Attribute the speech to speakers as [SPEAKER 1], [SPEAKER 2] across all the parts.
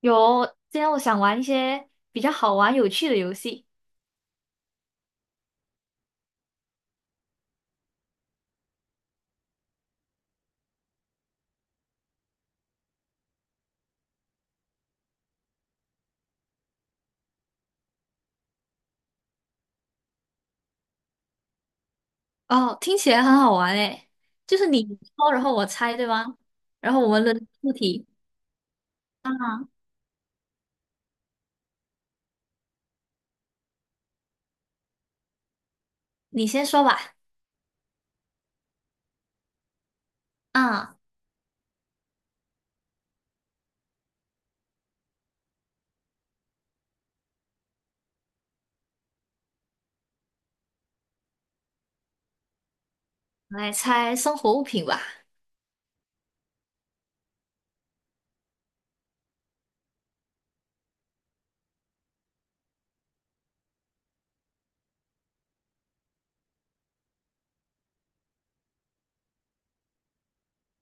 [SPEAKER 1] 有，今天我想玩一些比较好玩、有趣的游戏。哦，听起来很好玩诶，就是你说，然后我猜，对吗？然后我们轮流出题，啊。你先说吧。啊，我来猜生活物品吧。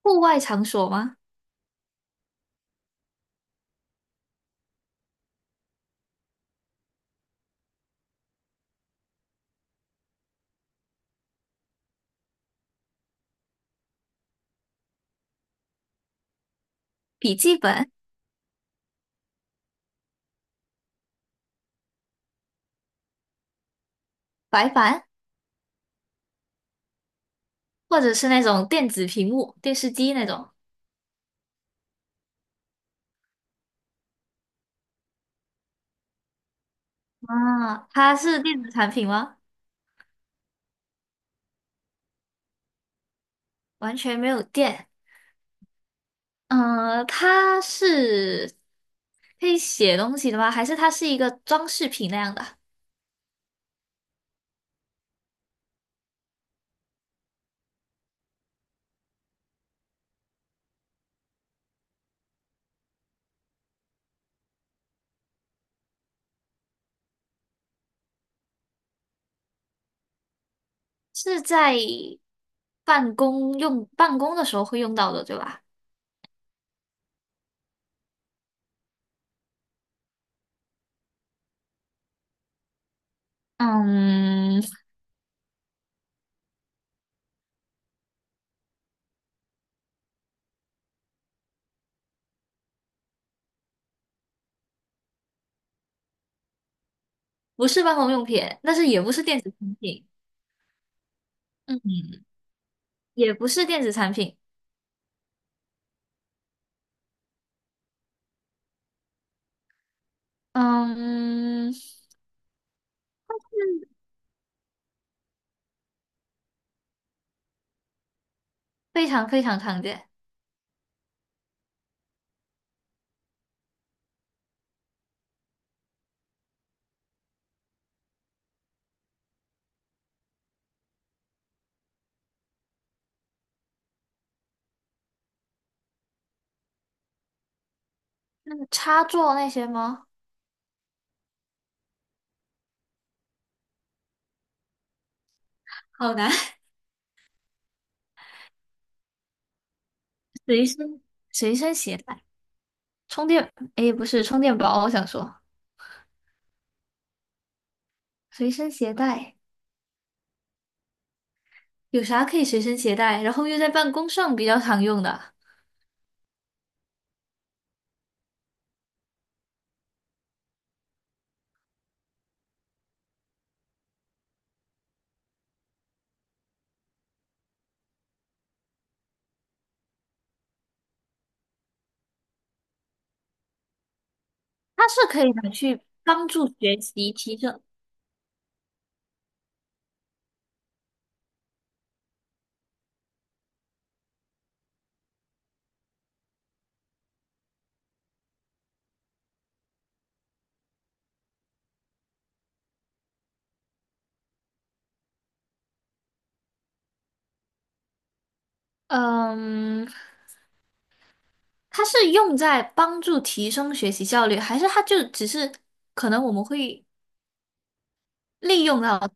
[SPEAKER 1] 户外场所吗？笔记本、白板，或者是那种电子屏幕、电视机那种。啊，它是电子产品吗？完全没有电。嗯、它是可以写东西的吗？还是它是一个装饰品那样的？是在办公的时候会用到的，对吧？嗯，不是办公用品，但是也不是电子产品，嗯，也不是电子产品，嗯，非常非常常见。那个插座那些吗？好难，随身随身携带，充电，诶，不是充电宝，我想说随身携带有啥可以随身携带，然后又在办公上比较常用的，它是可以拿去帮助学习提升。嗯，它是用在帮助提升学习效率，还是它就只是可能我们会利用到？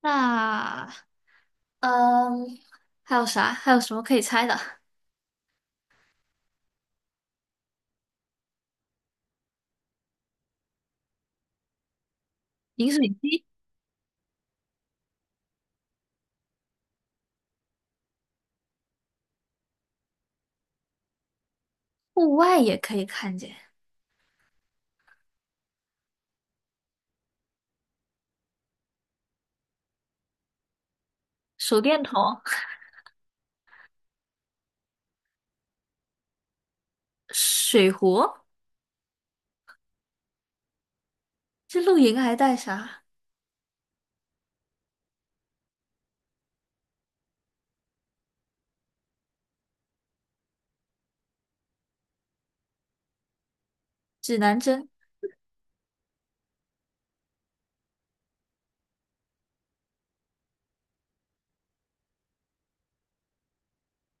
[SPEAKER 1] 那嗯，还有啥？还有什么可以猜的？饮水机，户外也可以看见，手电筒，水壶，这露营还带啥？指南针，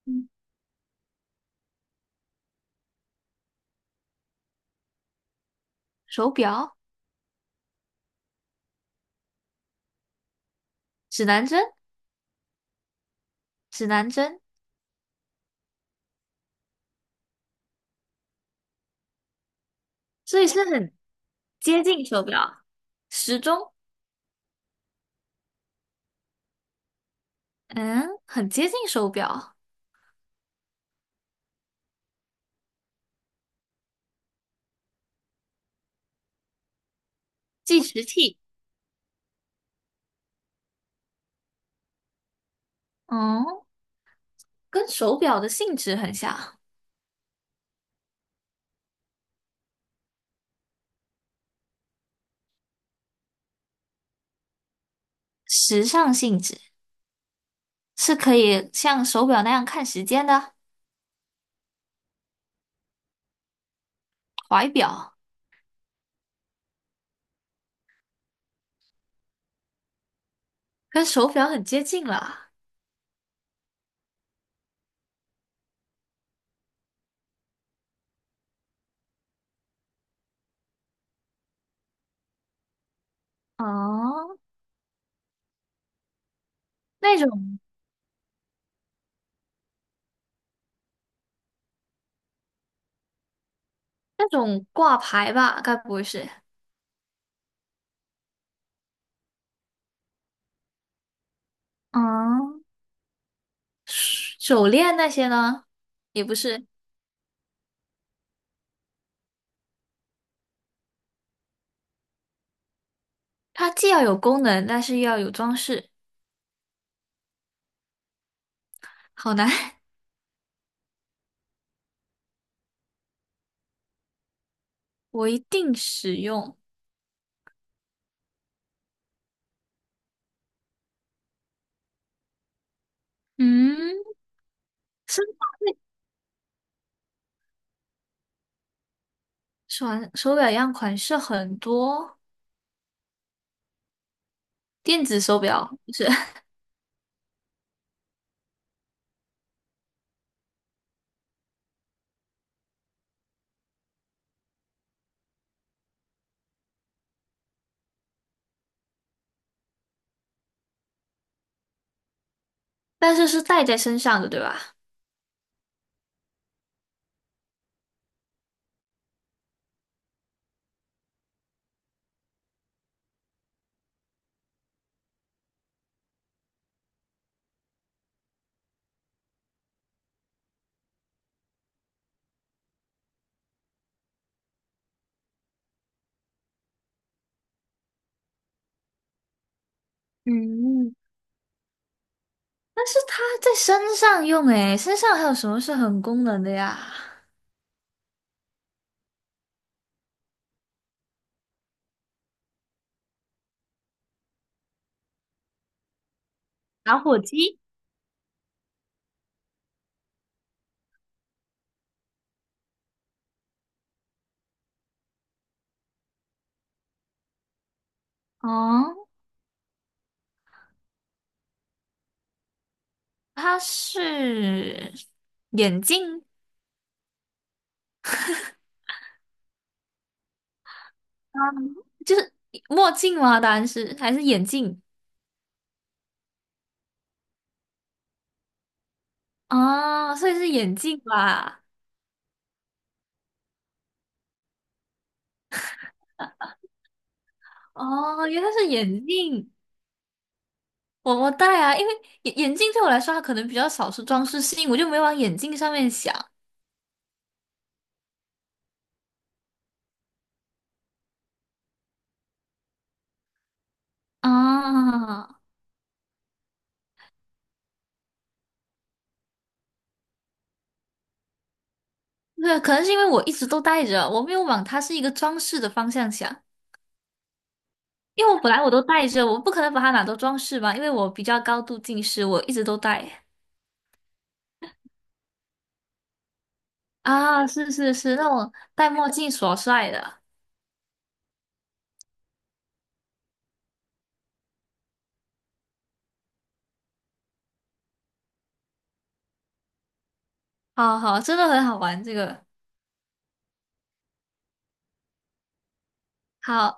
[SPEAKER 1] 嗯，手表，指南针，指南针，所以是很接近手表，时钟，嗯，很接近手表，计时器，嗯。跟手表的性质很像，时尚性质是可以像手表那样看时间的，怀表跟手表很接近了哦，那种挂牌吧，该不会是？嗯，手链那些呢？也不是，它既要有功能，但是又要有装饰，好难。我一定使用。嗯，是手手表一样款式很多，电子手表不是，但是是戴在身上的，对吧？嗯，但是它在身上用诶，身上还有什么是很功能的呀？咦，哦，它是眼镜，啊，就是墨镜吗？答案是还是眼镜？哦，所以是眼镜吧？哦，原来是眼镜。我戴啊，因为眼镜对我来说，它可能比较少是装饰性，我就没往眼镜上面想啊。对，可能是因为我一直都戴着，我没有往它是一个装饰的方向想。因为我本来我都戴着，我不可能把它拿都装饰吧，因为我比较高度近视，我一直都戴。啊，是是是，那种戴墨镜耍帅的，好好，真的很好玩这个。好，